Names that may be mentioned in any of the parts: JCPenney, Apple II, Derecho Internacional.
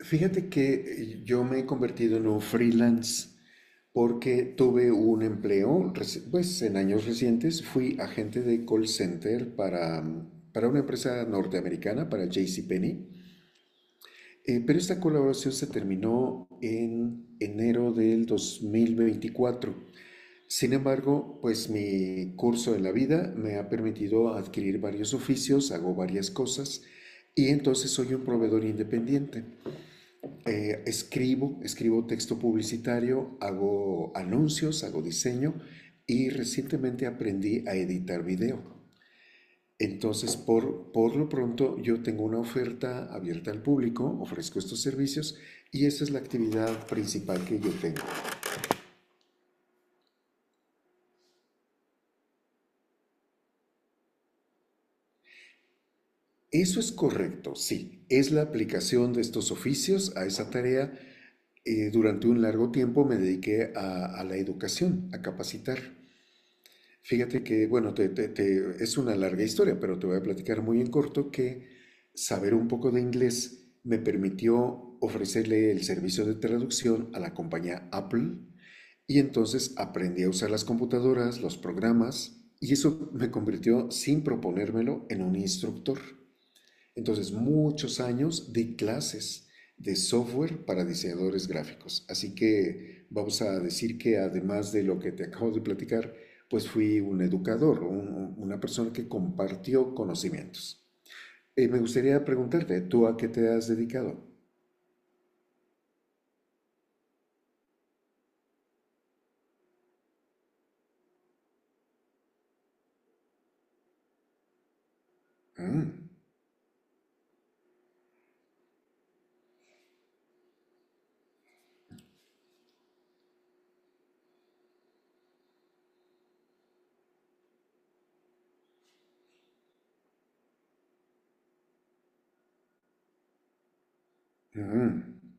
Fíjate que yo me he convertido en un freelance porque tuve un empleo, pues en años recientes fui agente de call center para, para una empresa norteamericana, para JCPenney, pero esta colaboración se terminó en enero del 2024. Sin embargo, pues mi curso en la vida me ha permitido adquirir varios oficios, hago varias cosas y entonces soy un proveedor independiente, escribo texto publicitario, hago anuncios, hago diseño y recientemente aprendí a editar video. Entonces, por lo pronto, yo tengo una oferta abierta al público, ofrezco estos servicios y esa es la actividad principal que yo tengo. Eso es correcto, sí. Es la aplicación de estos oficios a esa tarea. Durante un largo tiempo me dediqué a la educación, a capacitar. Fíjate que, bueno, es una larga historia, pero te voy a platicar muy en corto que saber un poco de inglés me permitió ofrecerle el servicio de traducción a la compañía Apple y entonces aprendí a usar las computadoras, los programas y eso me convirtió, sin proponérmelo, en un instructor. Entonces, muchos años de clases de software para diseñadores gráficos. Así que vamos a decir que además de lo que te acabo de platicar, pues fui un educador, una persona que compartió conocimientos. Me gustaría preguntarte, ¿tú a qué te has dedicado? Mm, mm.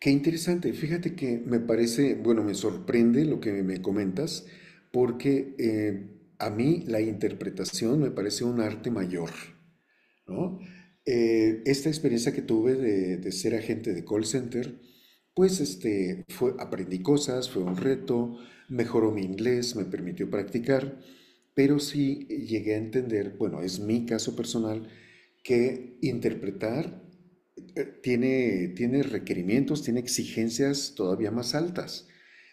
Qué interesante. Fíjate que me parece, bueno, me sorprende lo que me comentas, porque a mí la interpretación me parece un arte mayor. ¿No? Esta experiencia que tuve de ser agente de call center, pues este, fue, aprendí cosas, fue un reto, mejoró mi inglés, me permitió practicar, pero sí llegué a entender, bueno, es mi caso personal, que interpretar tiene, tiene requerimientos, tiene exigencias todavía más altas.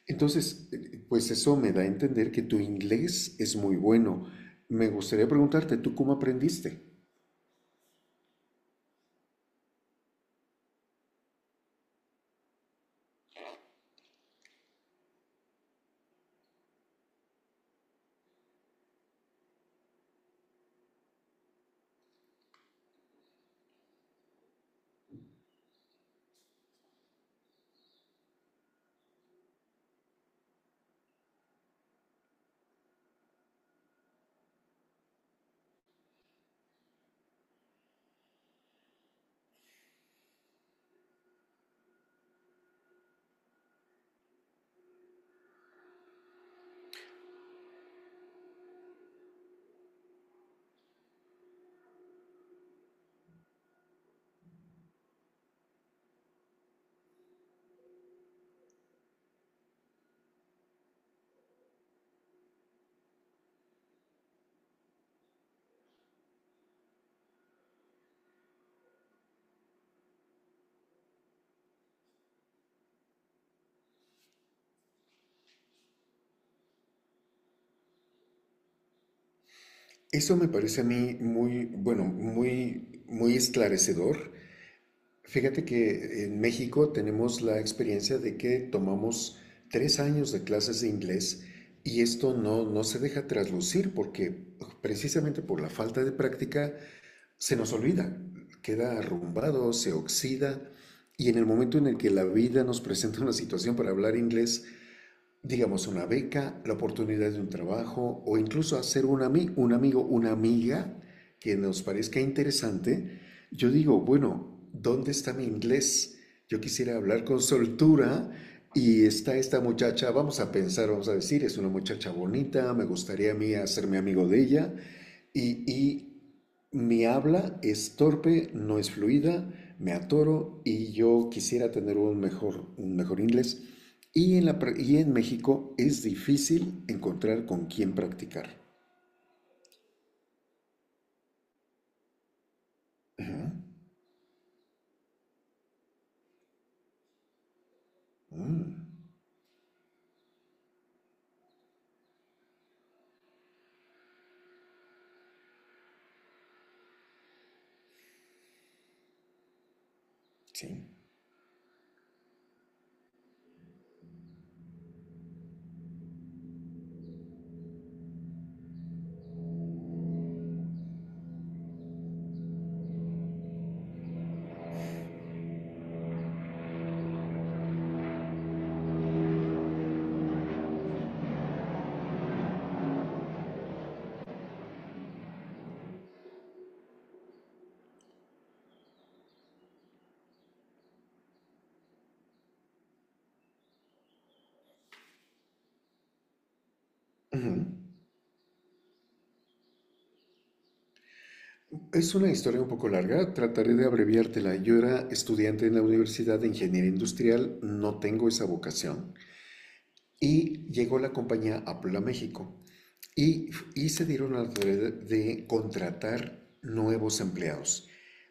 Entonces, pues eso me da a entender que tu inglés es muy bueno. Me gustaría preguntarte, ¿tú cómo aprendiste? Eso me parece a mí muy, bueno, muy, muy esclarecedor. Fíjate que en México tenemos la experiencia de que tomamos tres años de clases de inglés y esto no, no se deja traslucir porque precisamente por la falta de práctica se nos olvida, queda arrumbado, se oxida y en el momento en el que la vida nos presenta una situación para hablar inglés, digamos, una beca, la oportunidad de un trabajo o incluso hacer un, un amigo, una amiga que nos parezca interesante, yo digo, bueno, ¿dónde está mi inglés? Yo quisiera hablar con soltura y está esta muchacha, vamos a pensar, vamos a decir, es una muchacha bonita, me gustaría a mí hacerme amigo de ella y mi habla es torpe, no es fluida, me atoro y yo quisiera tener un mejor inglés. Y y en México es difícil encontrar con quién practicar. Ajá. Mm, sí. Ujú. Es una historia un poco larga, trataré de abreviártela. Yo era estudiante en la Universidad de Ingeniería Industrial, no tengo esa vocación. Y llegó la compañía Apple a México. Y, y se dieron a la tarea de contratar nuevos empleados.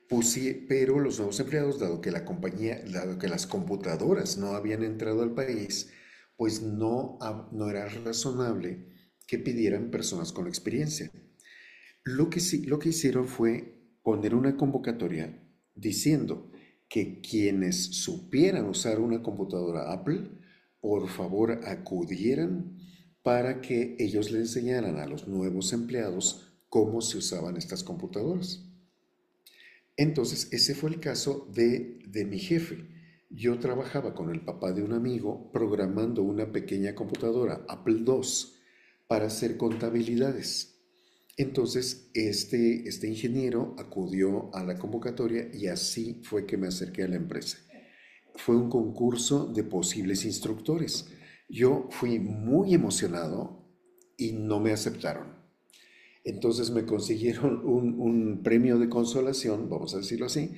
Pues sí, pero los nuevos empleados, dado que la compañía, dado que las computadoras no habían entrado al país, pues no, no era razonable que pidieran personas con experiencia. Lo que hicieron fue poner una convocatoria diciendo que quienes supieran usar una computadora Apple, por favor acudieran para que ellos le enseñaran a los nuevos empleados cómo se usaban estas computadoras. Entonces, ese fue el caso de mi jefe. Yo trabajaba con el papá de un amigo programando una pequeña computadora Apple II para hacer contabilidades. Entonces, este ingeniero acudió a la convocatoria y así fue que me acerqué a la empresa. Fue un concurso de posibles instructores. Yo fui muy emocionado y no me aceptaron. Entonces me consiguieron un premio de consolación, vamos a decirlo así,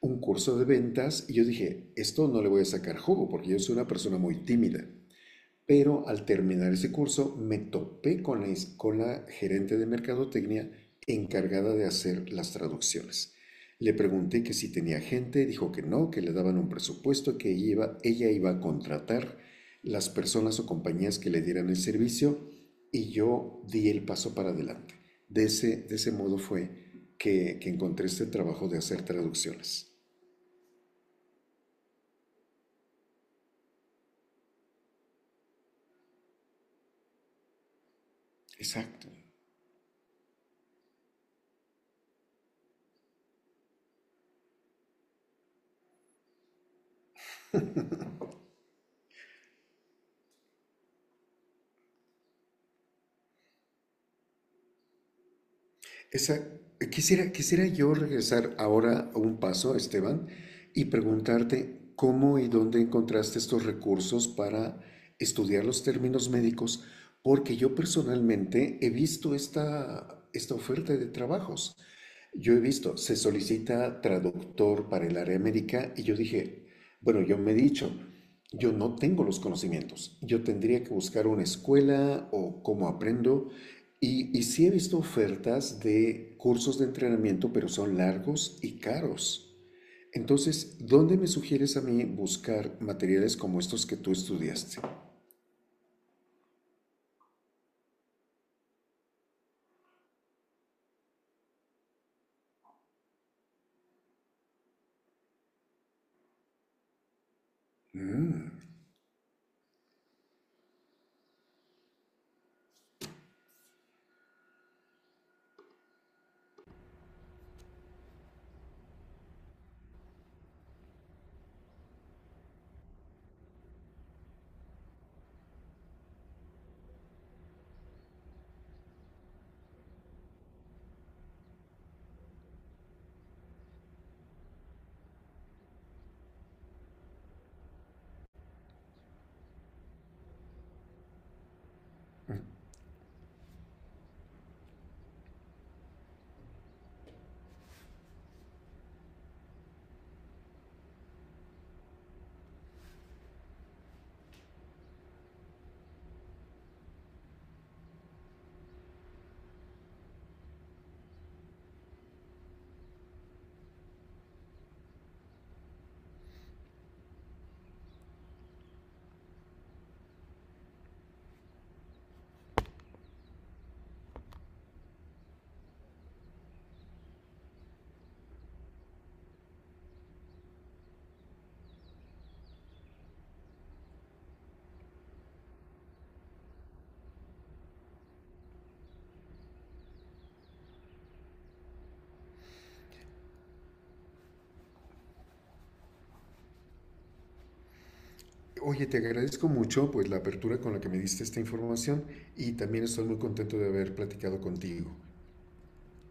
un curso de ventas y yo dije, esto no le voy a sacar jugo porque yo soy una persona muy tímida. Pero al terminar ese curso me topé con con la gerente de mercadotecnia encargada de hacer las traducciones. Le pregunté que si tenía gente, dijo que no, que le daban un presupuesto, ella iba a contratar las personas o compañías que le dieran el servicio y yo di el paso para adelante. De ese modo fue que encontré este trabajo de hacer traducciones. Exacto. Esa, quisiera yo regresar ahora a un paso, Esteban, y preguntarte cómo y dónde encontraste estos recursos para estudiar los términos médicos, porque yo personalmente he visto esta oferta de trabajos. Yo he visto, se solicita traductor para el área médica y yo dije, bueno, yo me he dicho, yo no tengo los conocimientos, yo tendría que buscar una escuela o cómo aprendo, y sí he visto ofertas de cursos de entrenamiento, pero son largos y caros. Entonces, ¿dónde me sugieres a mí buscar materiales como estos que tú estudiaste? Oye, te agradezco mucho pues la apertura con la que me diste esta información y también estoy muy contento de haber platicado contigo.